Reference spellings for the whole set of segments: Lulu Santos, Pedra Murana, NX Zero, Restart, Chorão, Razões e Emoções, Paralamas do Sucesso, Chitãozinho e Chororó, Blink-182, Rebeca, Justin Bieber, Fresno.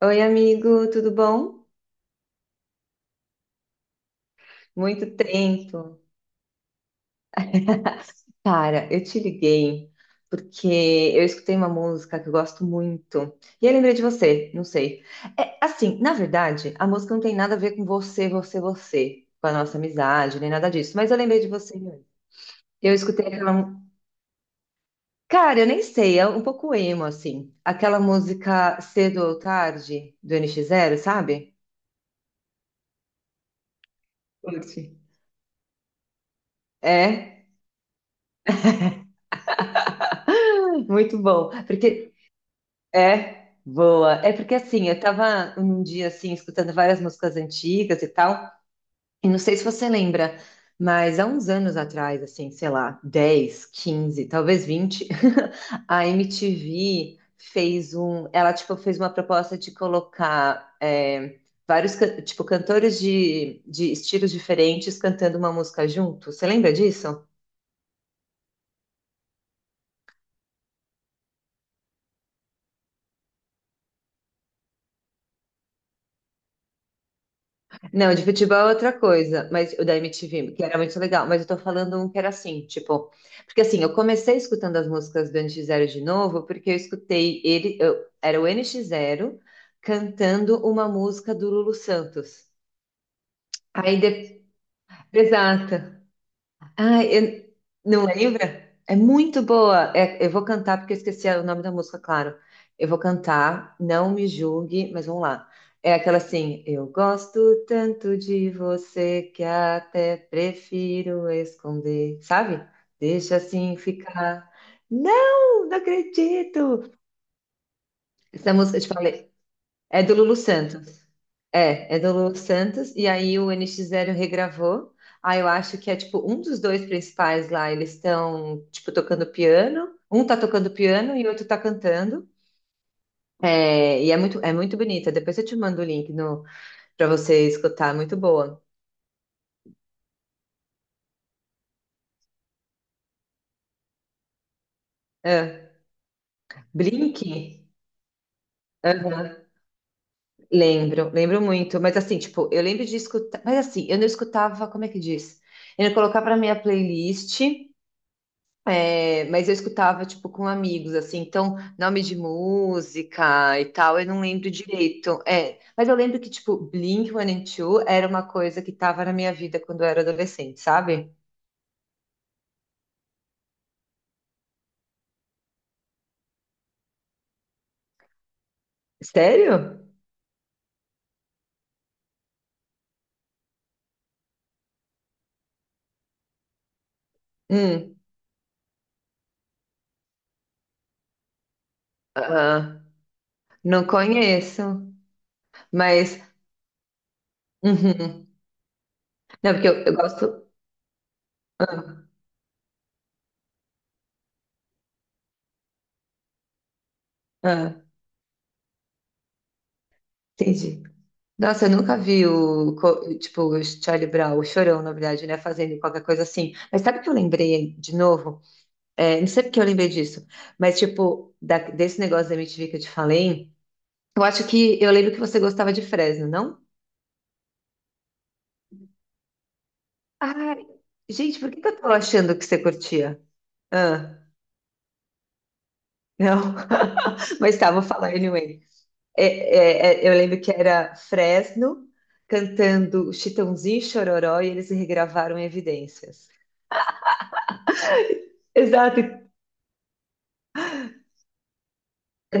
Oi, amigo, tudo bom? Muito tempo. Cara, eu te liguei porque eu escutei uma música que eu gosto muito. E eu lembrei de você, não sei. É, assim, na verdade, a música não tem nada a ver com você, com a nossa amizade, nem nada disso. Mas eu lembrei de você. Eu escutei aquela. Cara, eu nem sei, é um pouco emo, assim. Aquela música Cedo ou Tarde, do NX Zero, sabe? Curte. É, muito bom. Porque É, boa. É porque assim, eu tava num dia assim, escutando várias músicas antigas e tal, e não sei se você lembra, mas há uns anos atrás, assim, sei lá, 10, 15, talvez 20, a MTV fez um, ela tipo fez uma proposta de colocar vários, tipo, cantores de estilos diferentes cantando uma música junto. Você lembra disso? Não, de futebol é outra coisa, mas o da MTV, que era muito legal, mas eu tô falando um que era assim, tipo, porque assim, eu comecei escutando as músicas do NX Zero de novo, porque eu escutei ele, era o NX Zero cantando uma música do Lulu Santos. Aí, exato. Ah, não lembra? É muito boa. É, eu vou cantar porque eu esqueci o nome da música, claro. Eu vou cantar, não me julgue, mas vamos lá. É aquela assim, eu gosto tanto de você que até prefiro esconder, sabe? Deixa assim ficar. Não, não acredito. Essa música, eu te falei. É do Lulu Santos. É do Lulu Santos. E aí o N X Zero regravou. Aí eu acho que é tipo um dos dois principais lá. Eles estão tipo tocando piano. Um tá tocando piano e o outro tá cantando. É, e é muito bonita. Depois eu te mando o link no, para você escutar. Muito boa. É. Blink? Aham. Lembro, lembro muito. Mas assim, tipo, eu lembro de escutar. Mas assim, eu não escutava, como é que diz? Eu não colocava na minha playlist. É, mas eu escutava, tipo, com amigos, assim, então, nome de música e tal, eu não lembro direito. É, mas eu lembro que, tipo, Blink-182 era uma coisa que tava na minha vida quando eu era adolescente, sabe? Sério? Hum, ah, não conheço, mas. Uhum. Não, porque eu gosto. Ah, ah, entendi. Nossa, eu nunca vi o, tipo, o Charlie Brown, o Chorão, na verdade, né, fazendo qualquer coisa assim. Mas sabe o que eu lembrei de novo? É, não sei porque eu lembrei disso, mas tipo, desse negócio da MTV que eu te falei, eu acho que eu lembro que você gostava de Fresno, não? Ai, gente, por que que eu tô achando que você curtia? Ah, não, mas tá, vou falar anyway. É, eu lembro que era Fresno cantando Chitãozinho e Chororó e eles regravaram Evidências. Exato,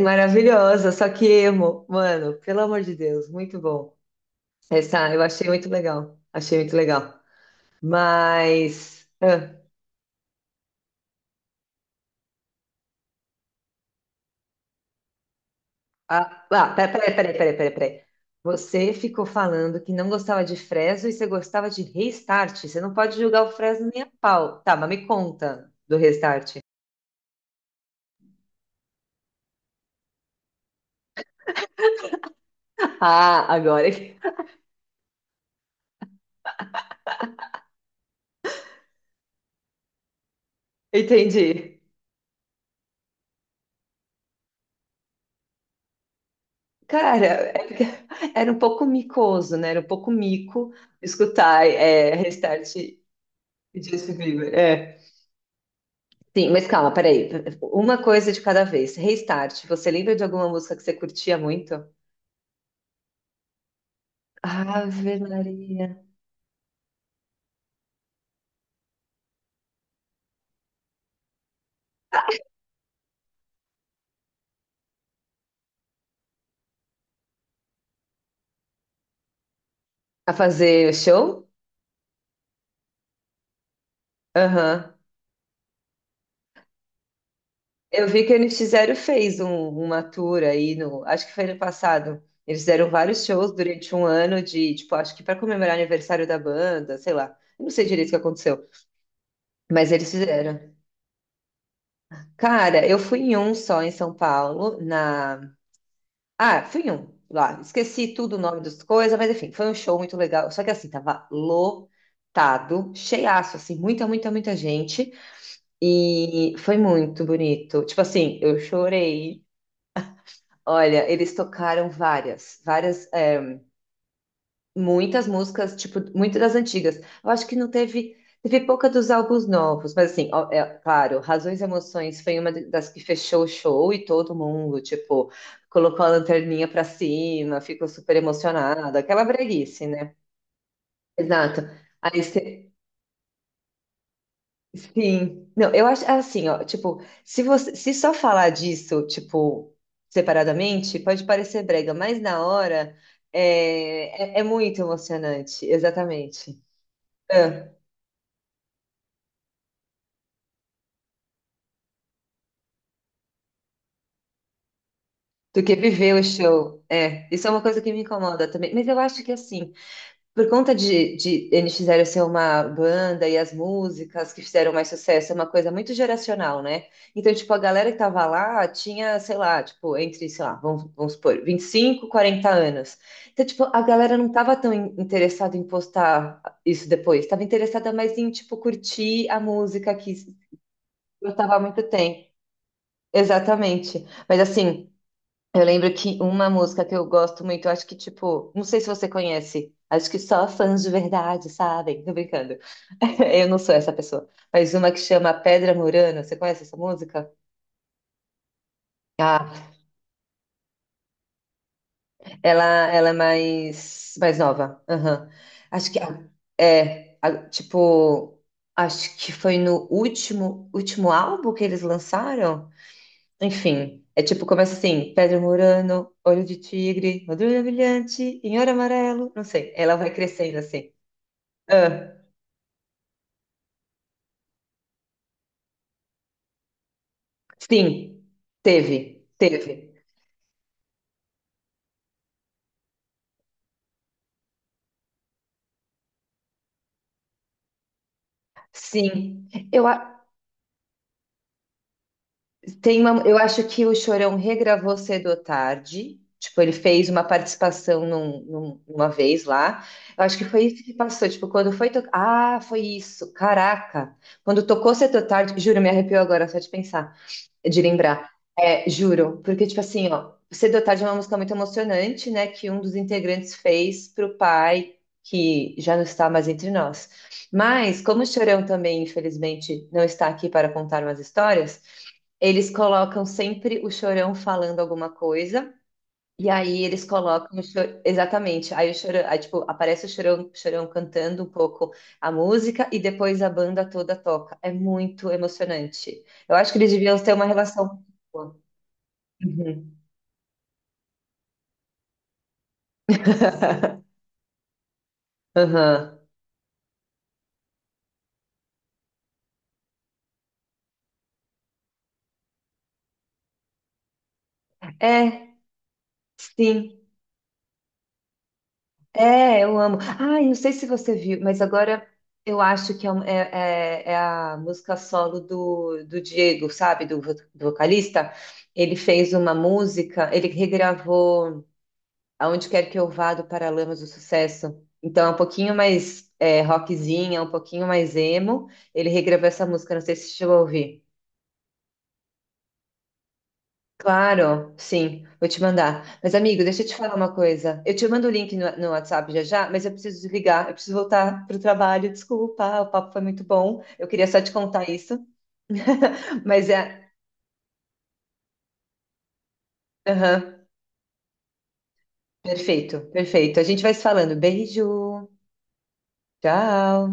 maravilhosa, só que emo, mano, pelo amor de Deus, muito bom. Essa eu achei muito legal, achei muito legal. Mas. Ah, peraí, peraí, peraí, peraí, peraí. Você ficou falando que não gostava de Fresno e você gostava de Restart. Você não pode julgar o Fresno nem a pau. Tá, mas me conta do Restart. Ah, agora entendi. Cara, é porque era um pouco micoso, né? Era um pouco mico escutar Restart e Justin Bieber. É. Sim, mas calma, peraí. Uma coisa de cada vez. Restart, você lembra de alguma música que você curtia muito? Ave Maria. A fazer show? Aham. Eu vi que eles fizeram, uma tour aí no, acho que foi ano passado. Eles fizeram vários shows durante um ano de, tipo, acho que para comemorar o aniversário da banda, sei lá. Eu não sei direito o que aconteceu, mas eles fizeram. Cara, eu fui em um só em São Paulo, na. Ah, fui em um lá. Esqueci tudo o nome das coisas, mas enfim, foi um show muito legal. Só que assim, tava lotado, cheiaço, assim, muita, muita, muita gente. E foi muito bonito. Tipo assim, eu chorei. Olha, eles tocaram várias, várias, muitas músicas, tipo, muitas das antigas. Eu acho que não teve, teve pouca dos álbuns novos, mas assim, ó, claro, Razões e Emoções foi uma das que fechou o show e todo mundo, tipo, colocou a lanterninha pra cima, ficou super emocionado, aquela breguice, né? Exato. Aí sim. Não, eu acho assim, ó, tipo, se você se só falar disso, tipo, separadamente, pode parecer brega, mas na hora é muito emocionante, exatamente. É, do que viver o show. É, isso é uma coisa que me incomoda também. Mas eu acho que assim, por conta de, eles fizeram ser uma banda e as músicas que fizeram mais sucesso, é uma coisa muito geracional, né? Então, tipo, a galera que tava lá tinha, sei lá, tipo, entre, sei lá, vamos supor, 25 40 anos. Então, tipo, a galera não tava tão interessada em postar isso depois, tava interessada mais em, tipo, curtir a música que gostava há muito tempo. Exatamente. Mas assim. Eu lembro que uma música que eu gosto muito, eu acho que, tipo, não sei se você conhece, acho que só fãs de verdade sabem, tô brincando. Eu não sou essa pessoa. Mas uma que chama Pedra Murana, você conhece essa música? Ah, ela, ela é mais, mais nova. Aham. Acho que tipo, acho que foi no último, último álbum que eles lançaram. Enfim, é tipo, começa assim, Pedro Murano, Olho de Tigre, Madrugada Brilhante, Inhoro Amarelo, não sei. Ela vai crescendo assim. Ah, sim, teve, teve. Sim, eu, a- tem uma- eu acho que o Chorão regravou Cedo ou Tarde. Tipo, ele fez uma participação uma vez lá. Eu acho que foi isso que passou. Tipo, quando foi tocar. Ah, foi isso. Caraca. Quando tocou Cedo ou Tarde. Juro, me arrepiou agora só de pensar, de lembrar. É, juro, porque, tipo assim, ó, Cedo ou Tarde é uma música muito emocionante, né? Que um dos integrantes fez pro pai, que já não está mais entre nós. Mas, como o Chorão também, infelizmente, não está aqui para contar umas histórias, eles colocam sempre o Chorão falando alguma coisa e aí eles colocam o Chorão. Exatamente. Aí o Chorão, aí, tipo, aparece o Chorão cantando um pouco a música e depois a banda toda toca. É muito emocionante. Eu acho que eles deviam ter uma relação muito boa. Uhum. Aham. É, sim. É, eu amo. Ah, eu não sei se você viu, mas agora eu acho que é a música solo do Diego, sabe? Do vocalista. Ele fez uma música, ele regravou. Aonde Quer Que Eu Vá, do Paralamas do Sucesso. Então é um pouquinho mais rockzinha, um pouquinho mais emo. Ele regravou essa música, não sei se você chegou a ouvir. Claro, sim, vou te mandar. Mas, amigo, deixa eu te falar uma coisa. Eu te mando o link no, WhatsApp já já, mas eu preciso desligar, eu preciso voltar para o trabalho. Desculpa, o papo foi muito bom. Eu queria só te contar isso. Mas é. Aham, perfeito, perfeito. A gente vai se falando. Beijo, tchau.